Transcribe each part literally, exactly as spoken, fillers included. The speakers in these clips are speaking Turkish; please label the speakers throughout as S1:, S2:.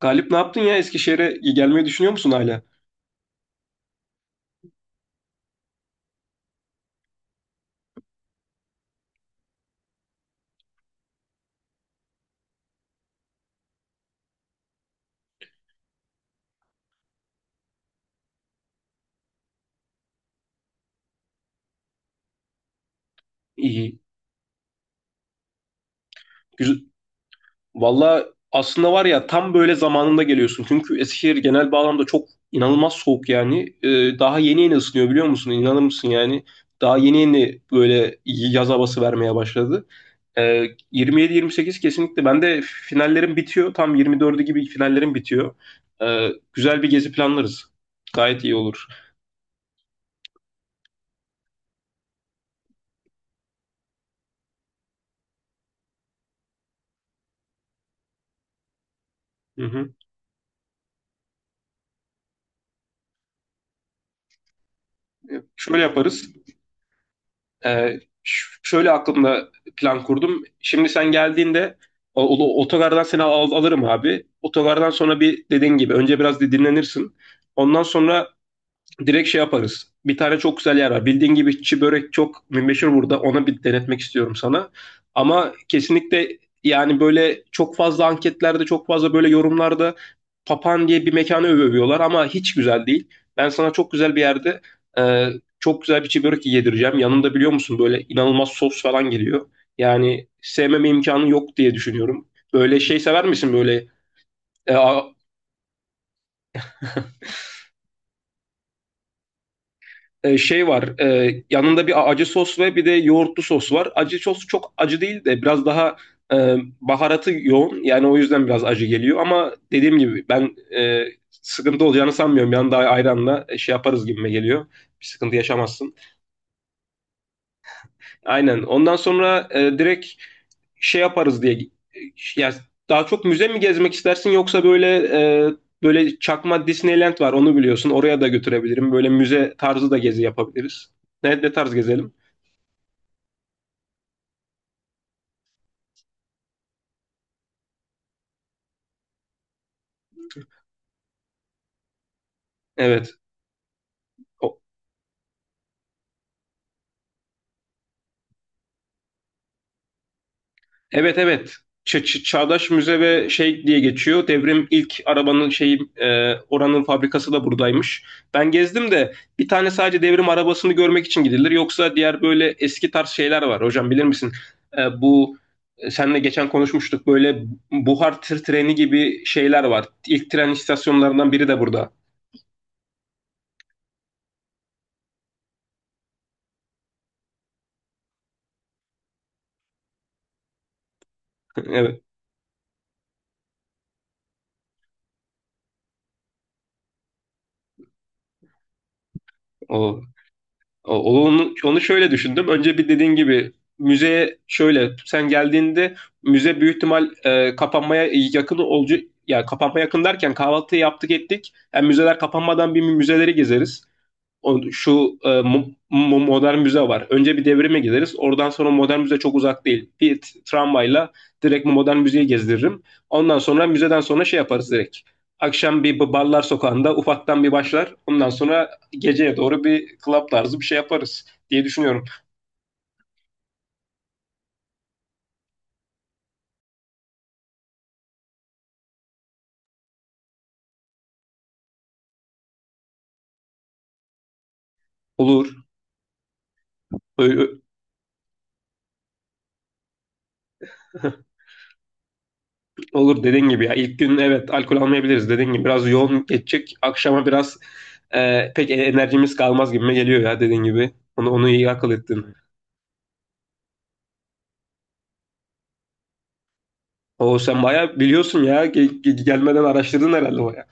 S1: Galip ne yaptın ya? Eskişehir'e gelmeyi düşünüyor musun hala? İyi. Güzel. Valla aslında var ya tam böyle zamanında geliyorsun. Çünkü Eskişehir genel bağlamda çok inanılmaz soğuk yani. Ee, daha yeni yeni ısınıyor biliyor musun? İnanır mısın yani? Daha yeni yeni böyle yaz havası vermeye başladı. Ee, yirmi yedi yirmi sekiz kesinlikle. Ben de finallerim bitiyor. Tam yirmi dördü gibi finallerim bitiyor. Ee, güzel bir gezi planlarız. Gayet iyi olur. Hı hı. Şöyle yaparız. Ee, ş- şöyle aklımda plan kurdum. Şimdi sen geldiğinde o, o- otogardan seni al- alırım abi. Otogardan sonra bir dediğin gibi önce biraz bir dinlenirsin. Ondan sonra direkt şey yaparız. Bir tane çok güzel yer var. Bildiğin gibi çi börek çok meşhur burada. Ona bir denetmek istiyorum sana. Ama kesinlikle yani böyle çok fazla anketlerde, çok fazla böyle yorumlarda Papan diye bir mekanı övüyorlar ama hiç güzel değil. Ben sana çok güzel bir yerde e, çok güzel bir çi börek yedireceğim. Yanında biliyor musun böyle inanılmaz sos falan geliyor. Yani sevmeme imkanı yok diye düşünüyorum. Böyle şey sever misin böyle e, a- e, şey var. E, yanında bir acı sos ve bir de yoğurtlu sos var. Acı sos çok acı değil de biraz daha e, baharatı yoğun. Yani o yüzden biraz acı geliyor. Ama dediğim gibi ben e, sıkıntı olacağını sanmıyorum. Yanında ayranla e, şey yaparız gibime geliyor. Bir sıkıntı yaşamazsın. Aynen. Ondan sonra e, direkt şey yaparız diye. e, Ya daha çok müze mi gezmek istersin yoksa böyle e, böyle çakma Disneyland var onu biliyorsun. Oraya da götürebilirim. Böyle müze tarzı da gezi yapabiliriz. Ne, ne tarz gezelim? Evet. O- Evet evet. Ç- ç- Çağdaş Müze ve şey diye geçiyor. Devrim ilk arabanın şeyi e, oranın fabrikası da buradaymış. Ben gezdim de bir tane sadece devrim arabasını görmek için gidilir. Yoksa diğer böyle eski tarz şeyler var. Hocam bilir misin? E, bu e, seninle geçen konuşmuştuk. Böyle buhar tır treni gibi şeyler var. İlk tren istasyonlarından biri de burada. Evet. O. O- Onu, onu şöyle düşündüm. Önce bir dediğin gibi müzeye şöyle sen geldiğinde müze büyük ihtimal e, kapanmaya yakın olacak. Ya kapanmaya yakın derken kahvaltıyı yaptık ettik. Yani müzeler kapanmadan bir müzeleri gezeriz. o- şu e, Modern müze var. Önce bir devrime gideriz. Oradan sonra modern müze çok uzak değil. Bir tramvayla direkt modern müzeyi gezdiririm. Ondan sonra müzeden sonra şey yaparız direkt. Akşam bir b- barlar sokağında ufaktan bir başlar. Ondan sonra geceye doğru bir club tarzı bir şey yaparız diye düşünüyorum. Olur. Olur dediğin gibi ya. İlk gün evet alkol almayabiliriz dediğin gibi. Biraz yoğun geçecek. Akşama biraz e, pek enerjimiz kalmaz gibime geliyor ya dediğin gibi. Onu, onu iyi akıl ettin. O sen bayağı biliyorsun ya. Ge- ge- Gelmeden araştırdın herhalde bayağı.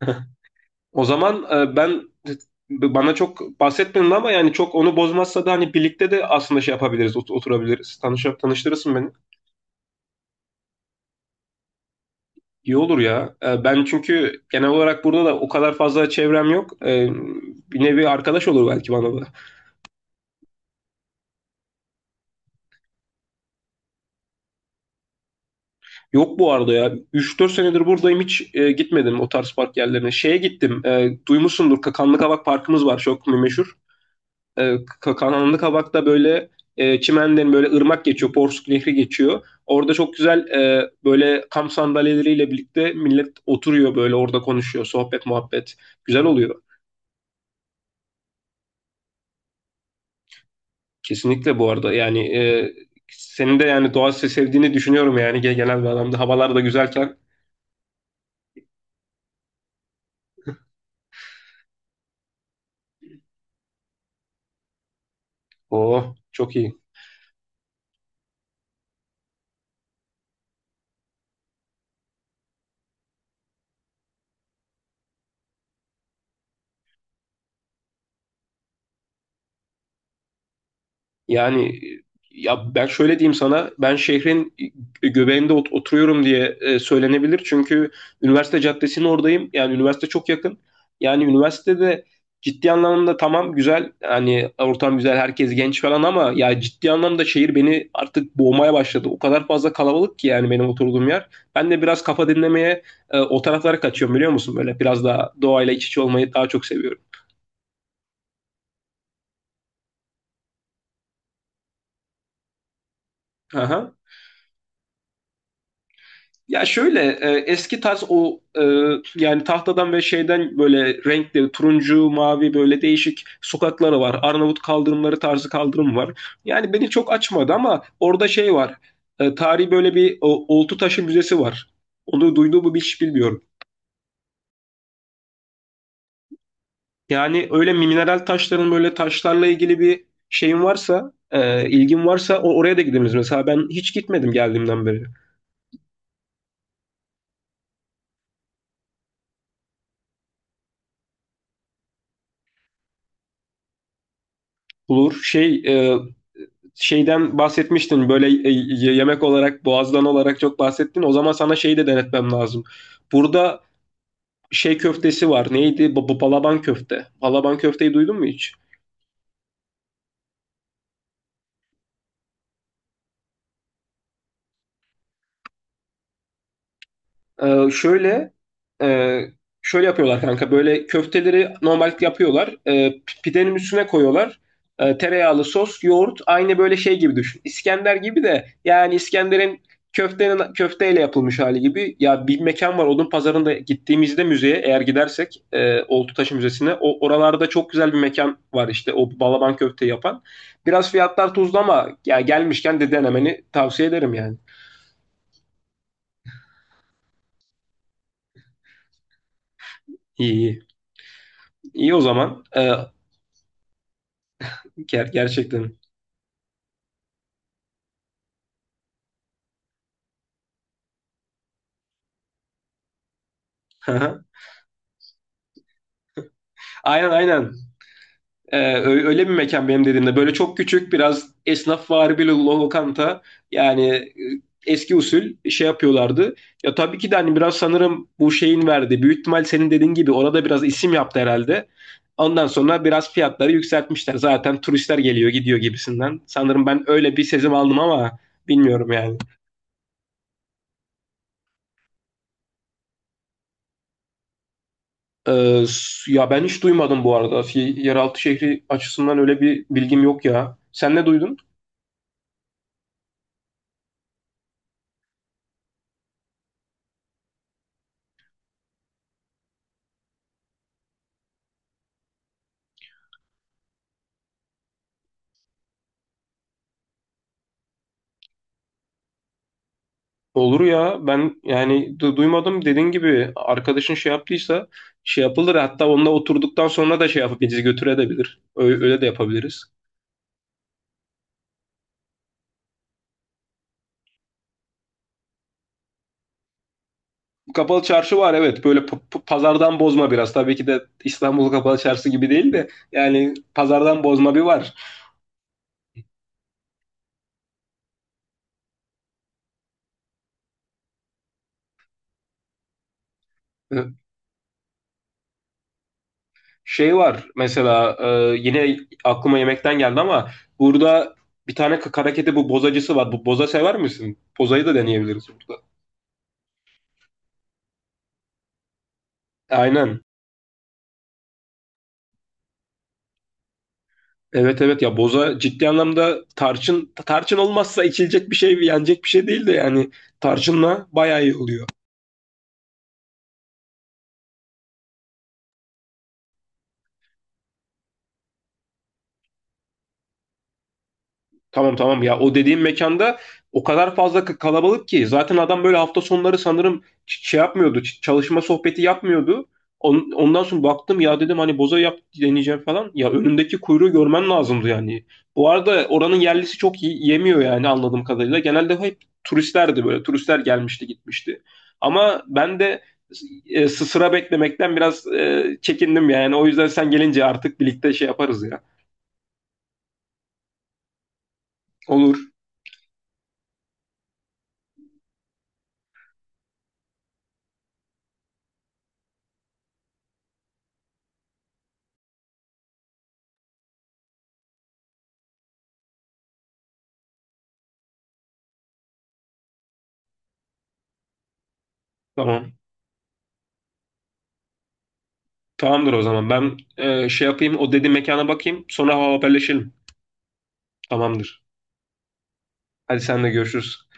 S1: O zaman e, ben bana çok bahsetmedin ama yani çok onu bozmazsa da hani birlikte de aslında şey yapabiliriz, ot- oturabiliriz. Tanış tanıştırırsın beni. İyi olur ya. E, Ben çünkü genel olarak burada da o kadar fazla çevrem yok. E, Bir nevi arkadaş olur belki bana da. Yok bu arada ya. Üç dört senedir buradayım hiç e, gitmedim o tarz park yerlerine. Şeye gittim. E, Duymuşsundur Kakanlı Kavak Parkımız var çok meşhur. E, Ka- Kananlı Kabak'ta böyle e, çimenlerin böyle ırmak geçiyor, Porsuk Nehri geçiyor. Orada çok güzel e, böyle kamp sandalyeleriyle birlikte millet oturuyor böyle orada konuşuyor, sohbet muhabbet. Güzel oluyor. Kesinlikle bu arada yani e, senin de yani doğa sevdiğini düşünüyorum yani ge- genel bir adamda. Havalar da güzelken. Oh çok iyi. Yani ya ben şöyle diyeyim sana, ben şehrin göbeğinde ot- oturuyorum diye e, söylenebilir. Çünkü üniversite caddesinin oradayım. Yani üniversite çok yakın. Yani üniversitede ciddi anlamda tamam güzel. Hani ortam güzel, herkes genç falan ama ya ciddi anlamda şehir beni artık boğmaya başladı. O kadar fazla kalabalık ki yani benim oturduğum yer. Ben de biraz kafa dinlemeye e, o taraflara kaçıyorum biliyor musun? Böyle biraz daha doğayla iç içe olmayı daha çok seviyorum. Aha. Ya şöyle e, eski tarz o e, yani tahtadan ve şeyden böyle renkli turuncu, mavi böyle değişik sokakları var. Arnavut kaldırımları tarzı kaldırım var. Yani beni çok açmadı ama orada şey var. E, tarihi böyle bir o, oltu taşı müzesi var. Onu duyduğumu mu hiç bilmiyorum. Yani öyle mineral taşların böyle taşlarla ilgili bir şeyin varsa, e, ilgin varsa o, oraya da gidebiliriz. Mesela ben hiç gitmedim geldiğimden beri. Olur. Şey e, şeyden bahsetmiştin böyle e, yemek olarak boğazdan olarak çok bahsettin. O zaman sana şeyi de denetmem lazım. Burada şey köftesi var. Neydi? Bu bu balaban köfte. Balaban köfteyi duydun mu hiç? Ee, şöyle e, şöyle yapıyorlar kanka. Böyle köfteleri normal yapıyorlar. Ee, pi- pidenin üstüne koyuyorlar. Ee, tereyağlı sos, yoğurt aynı böyle şey gibi düşün. İskender gibi de yani İskender'in köftenin köfteyle yapılmış hali gibi. Ya bir mekan var Odun Pazarı'nda gittiğimizde müzeye eğer gidersek e, Oltutaş Müzesi'ne o oralarda çok güzel bir mekan var işte o balaban köfte yapan. Biraz fiyatlar tuzlu ama ya gelmişken de denemeni tavsiye ederim yani. İyi iyi. İyi o zaman. Ee, Ger- gerçekten. Aynen aynen. Ee, ö- öyle bir mekan benim dediğimde. Böyle çok küçük, biraz esnafvari bir lo- lokanta. Yani e, eski usul şey yapıyorlardı. Ya tabii ki de hani biraz sanırım bu şeyin verdi. Büyük ihtimal senin dediğin gibi orada biraz isim yaptı herhalde. Ondan sonra biraz fiyatları yükseltmişler. Zaten turistler geliyor gidiyor gibisinden. Sanırım ben öyle bir sezim aldım ama bilmiyorum yani. Ee, s- ya ben hiç duymadım bu arada. Fi- Yeraltı şehri açısından öyle bir bilgim yok ya. Sen ne duydun? Olur ya ben yani du- duymadım dediğin gibi arkadaşın şey yaptıysa şey yapılır hatta onunla oturduktan sonra da şey yapıp bizi götürebilir. Öyle, öyle de yapabiliriz. Kapalı çarşı var evet böyle p- p- pazardan bozma biraz tabii ki de İstanbul Kapalı Çarşı gibi değil de yani pazardan bozma bir var. Şey var mesela e, yine aklıma yemekten geldi ama burada bir tane kakaraketi bu bozacısı var. Bu boza sever misin? Bozayı da deneyebiliriz burada. Aynen. Evet evet ya boza ciddi anlamda tarçın tarçın olmazsa içilecek bir şey yenecek bir şey değil de yani tarçınla bayağı iyi oluyor. Tamam tamam ya o dediğim mekanda o kadar fazla k- kalabalık ki zaten adam böyle hafta sonları sanırım ç- şey yapmıyordu ç- çalışma sohbeti yapmıyordu. On- ondan sonra baktım ya dedim hani boza yap deneyeceğim falan. Ya önündeki kuyruğu görmen lazımdı yani. Bu arada oranın yerlisi çok iyi yemiyor yani anladığım kadarıyla. Genelde hep turistlerdi böyle turistler gelmişti gitmişti. Ama ben de e, s- sıra beklemekten biraz e, çekindim yani. O yüzden sen gelince artık birlikte şey yaparız ya. Olur tamam. Tamamdır o zaman. Ben e, şey yapayım, o dediğin mekana bakayım. Sonra haberleşelim. Tamamdır. Hadi senle görüşürüz.